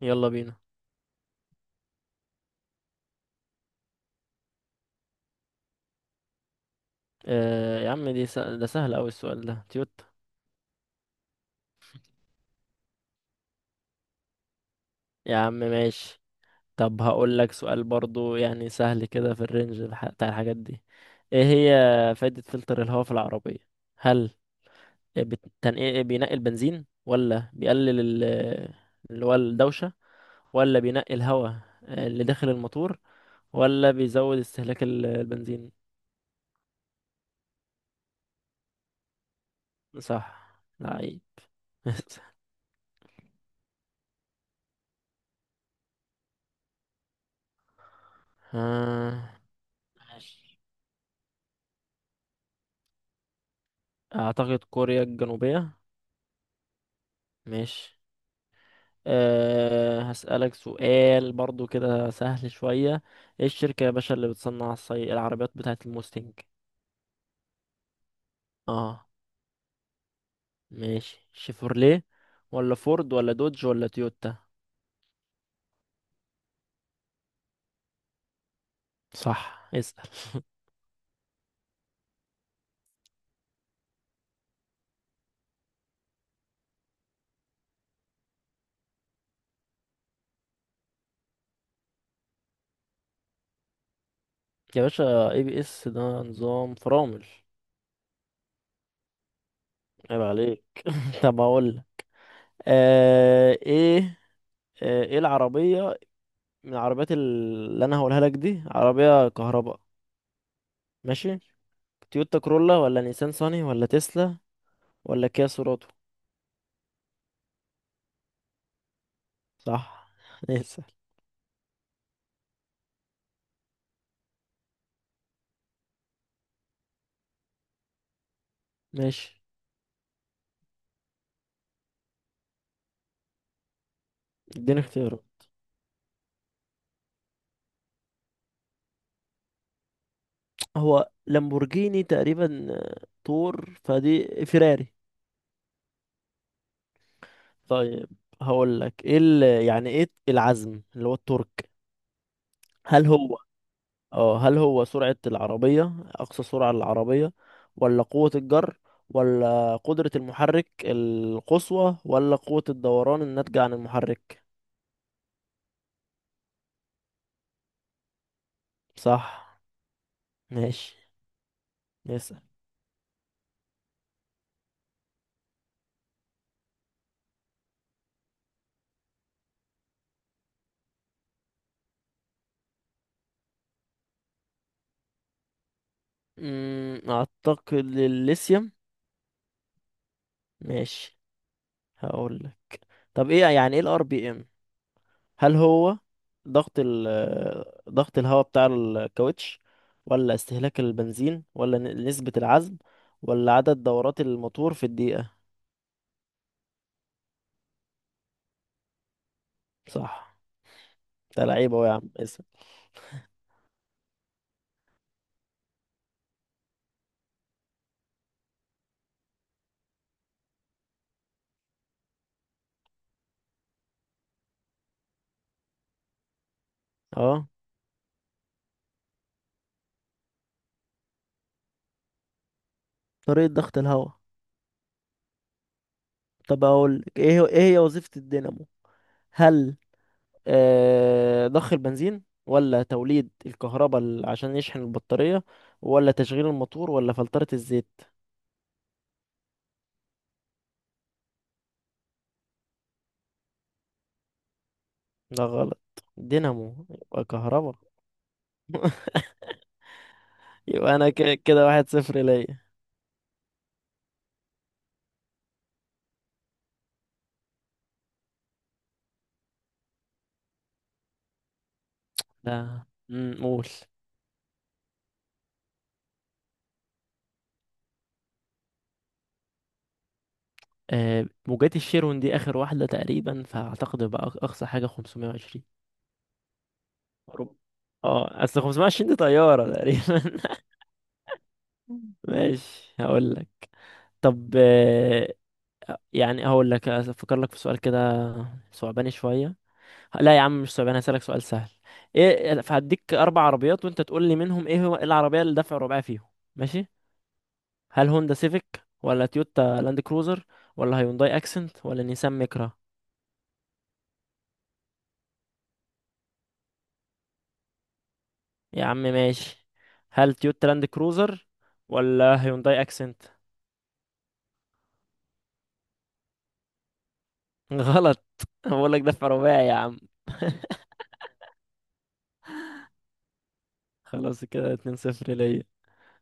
يلا بينا. آه يا عم، ده سهل أوي السؤال ده، تويوتا. يا عم ماشي. طب هقول لك سؤال برضو يعني سهل كده، في الرينج بتاع الحاجات دي. ايه هي فايدة فلتر الهواء في العربية؟ هل بينقي البنزين، ولا بيقلل اللي هو الدوشة، ولا بينقي الهواء، اللي داخل الموتور، ولا بيزود استهلاك البنزين؟ صح، لعيب. آه، ماشي. اعتقد كوريا الجنوبية. ماشي. هسألك سؤال برضو كده سهل شوية. ايه الشركة يا باشا اللي بتصنع العربيات بتاعة الموستنج؟ اه، ماشي. شيفورليه ولا فورد ولا دوج ولا تويوتا؟ صح، اسأل. يا باشا، ABS ده نظام فرامل. عيب عليك. طب اقول لك. أه ايه آه، ايه العربية من العربيات اللي انا هقولها لك دي عربية كهرباء؟ ماشي. تويوتا كرولا ولا نيسان صاني ولا تسلا ولا كيا سوراتو؟ صح، اسأل. ماشي، اديني اختيارات. هو لامبورجيني تقريبا، طور فدي فيراري. طيب، هقول لك يعني ايه العزم اللي هو التورك؟ هل هو اه هل هو سرعة العربية اقصى سرعة للعربية، ولا قوة الجر، ولا قدرة المحرك القصوى، ولا قوة الدوران الناتجة عن المحرك؟ صح. ماشي، اسأل. اعتقد الليثيوم. ماشي. هقول طب، يعني ايه الRPM؟ هل هو ضغط ال ضغط الهواء بتاع الكاوتش، ولا استهلاك البنزين، ولا نسبة العزم، ولا عدد دورات الموتور في الدقيقة؟ صح، انت لعيب اهو يا عم. اسم. اه طريقة ضغط الهواء. طب اقول لك ايه هي وظيفة الدينامو؟ هل ضخ البنزين، ولا توليد الكهرباء عشان يشحن البطارية، ولا تشغيل الموتور، ولا فلترة الزيت؟ ده غلط، دينامو يبقى كهرباء. يبقى انا كده 1-0 ليا. لا، قول. آه، موجات الشيرون دي اخر واحده تقريبا، فاعتقد بقى اقصى حاجه 520. أوروبا. اه اصل 520 دي طياره تقريبا. ماشي، هقول لك. طب يعني هقول لك افكر لك في سؤال كده، صعباني شويه. لا يا عم، مش صعباني، هسألك سؤال سهل. ايه، فهديك اربع عربيات وانت تقول لي منهم، ايه هو إيه العربيه اللي دفع رباعي فيهم. ماشي. هل هوندا سيفيك، ولا تويوتا لاند كروزر، ولا هيونداي اكسنت، ولا نيسان ميكرا؟ يا عم ماشي. هل تويوتا لاند كروزر، ولا هيونداي اكسنت؟ غلط، بقول لك دفع رباعي يا عم. خلاص، كده 2-0 ليا.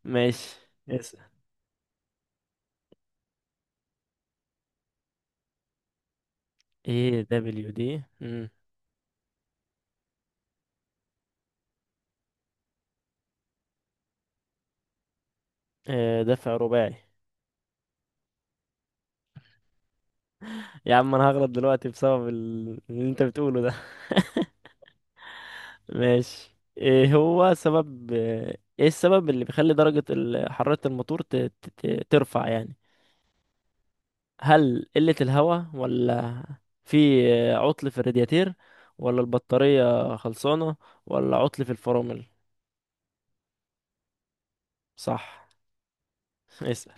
ماشي، اسأل. AWD. آه، دفع رباعي. يا عم، انا هغلط دلوقتي بسبب اللي انت بتقوله ده. ماشي. ايه هو سبب ايه السبب اللي بيخلي درجة حرارة الموتور ترفع يعني؟ هل قلة الهواء، ولا في عطل في الرادياتير، ولا البطارية خلصانة، ولا عطل في الفرامل؟ صح. اسأل.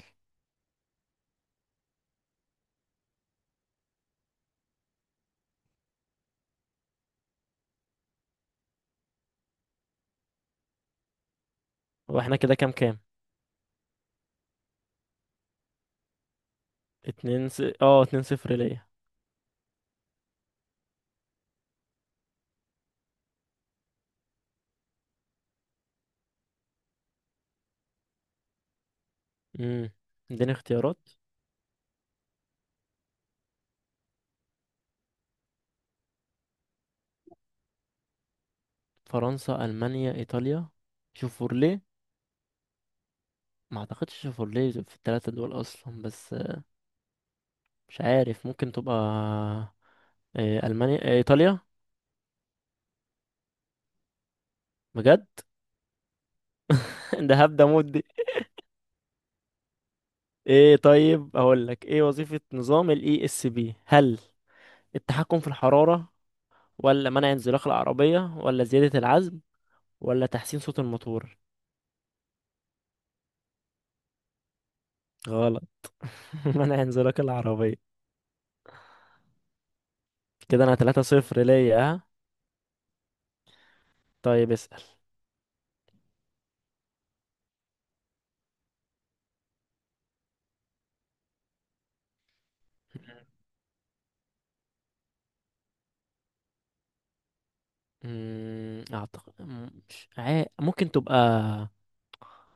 واحنا كده كام؟ اتنين س... اه 2-0 ليا. امم اديني اختيارات. فرنسا، المانيا، ايطاليا. شوفورلي. ما اعتقدش شوفورلي في الثلاثة دول اصلا، بس مش عارف، ممكن تبقى إيه المانيا إيه ايطاليا؟ بجد. ده هبدأ مود دي. ايه طيب، اقول لك ايه وظيفة نظام الESP؟ هل التحكم في الحرارة، ولا منع انزلاق العربية، ولا زيادة العزم، ولا تحسين صوت الموتور؟ غلط. منع انزلاق العربية. كده انا 3 صفر ليا، ها؟ طيب، اسأل. اعتقد، مم، مش عا- ممكن تبقى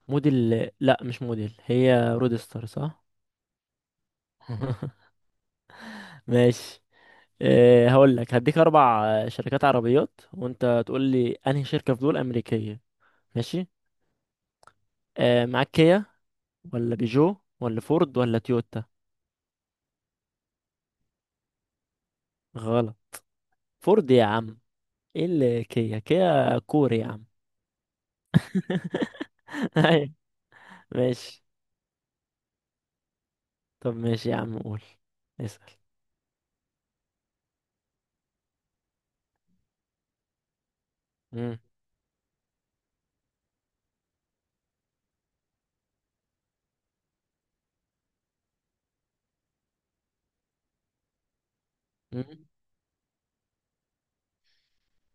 موديل. لا مش موديل، هي رودستر، صح. ماشي. هقول لك، هديك اربع شركات عربيات، وانت تقول لي انهي شركة في دول امريكية. ماشي. معاك كيا، ولا بيجو، ولا فورد، ولا تويوتا؟ غلط. فورد يا عم. ايه اللي كيا، كيا كوري يا عم. ايوه. ماشي. طب ماشي يا عم، قول، اسأل. مم. مم.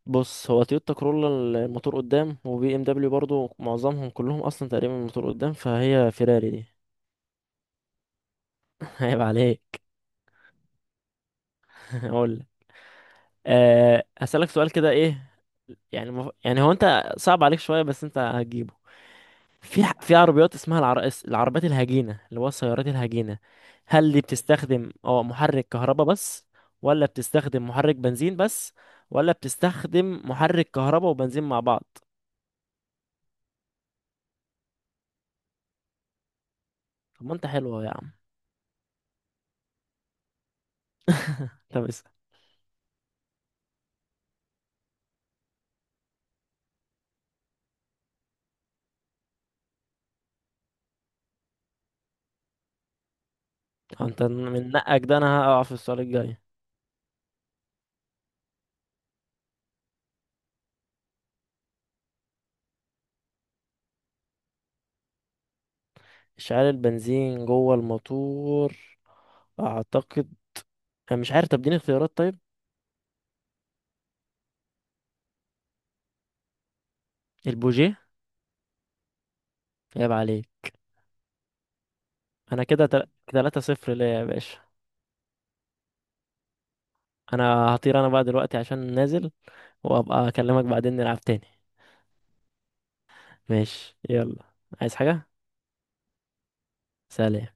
بص، هو تويوتا كرولا الموتور قدام، وبي ام دبليو برضو معظمهم كلهم اصلا تقريبا الموتور قدام، فهي فيراري دي. عيب عليك. اقول لك. هسألك سؤال كده، ايه يعني يعني هو انت صعب عليك شوية، بس انت هتجيبه. في عربيات اسمها العربيات الهجينة، اللي هو السيارات الهجينة. هل دي بتستخدم محرك كهرباء بس، ولا بتستخدم محرك بنزين بس، ولا بتستخدم محرك كهرباء وبنزين مع بعض؟ طب ما انت حلو أهو يا عم. طب اسأل. طب انت من نقك ده، انا هقع في السؤال الجاي. اشعال البنزين جوه الموتور. اعتقد، انا مش عارف، طب اديني اختيارات طيب. البوجيه. عيب عليك. انا كده 3 صفر ليا يا باشا. انا هطير، انا بقى دلوقتي عشان نازل، وابقى اكلمك بعدين نلعب تاني. ماشي، يلا. عايز حاجة؟ سلام.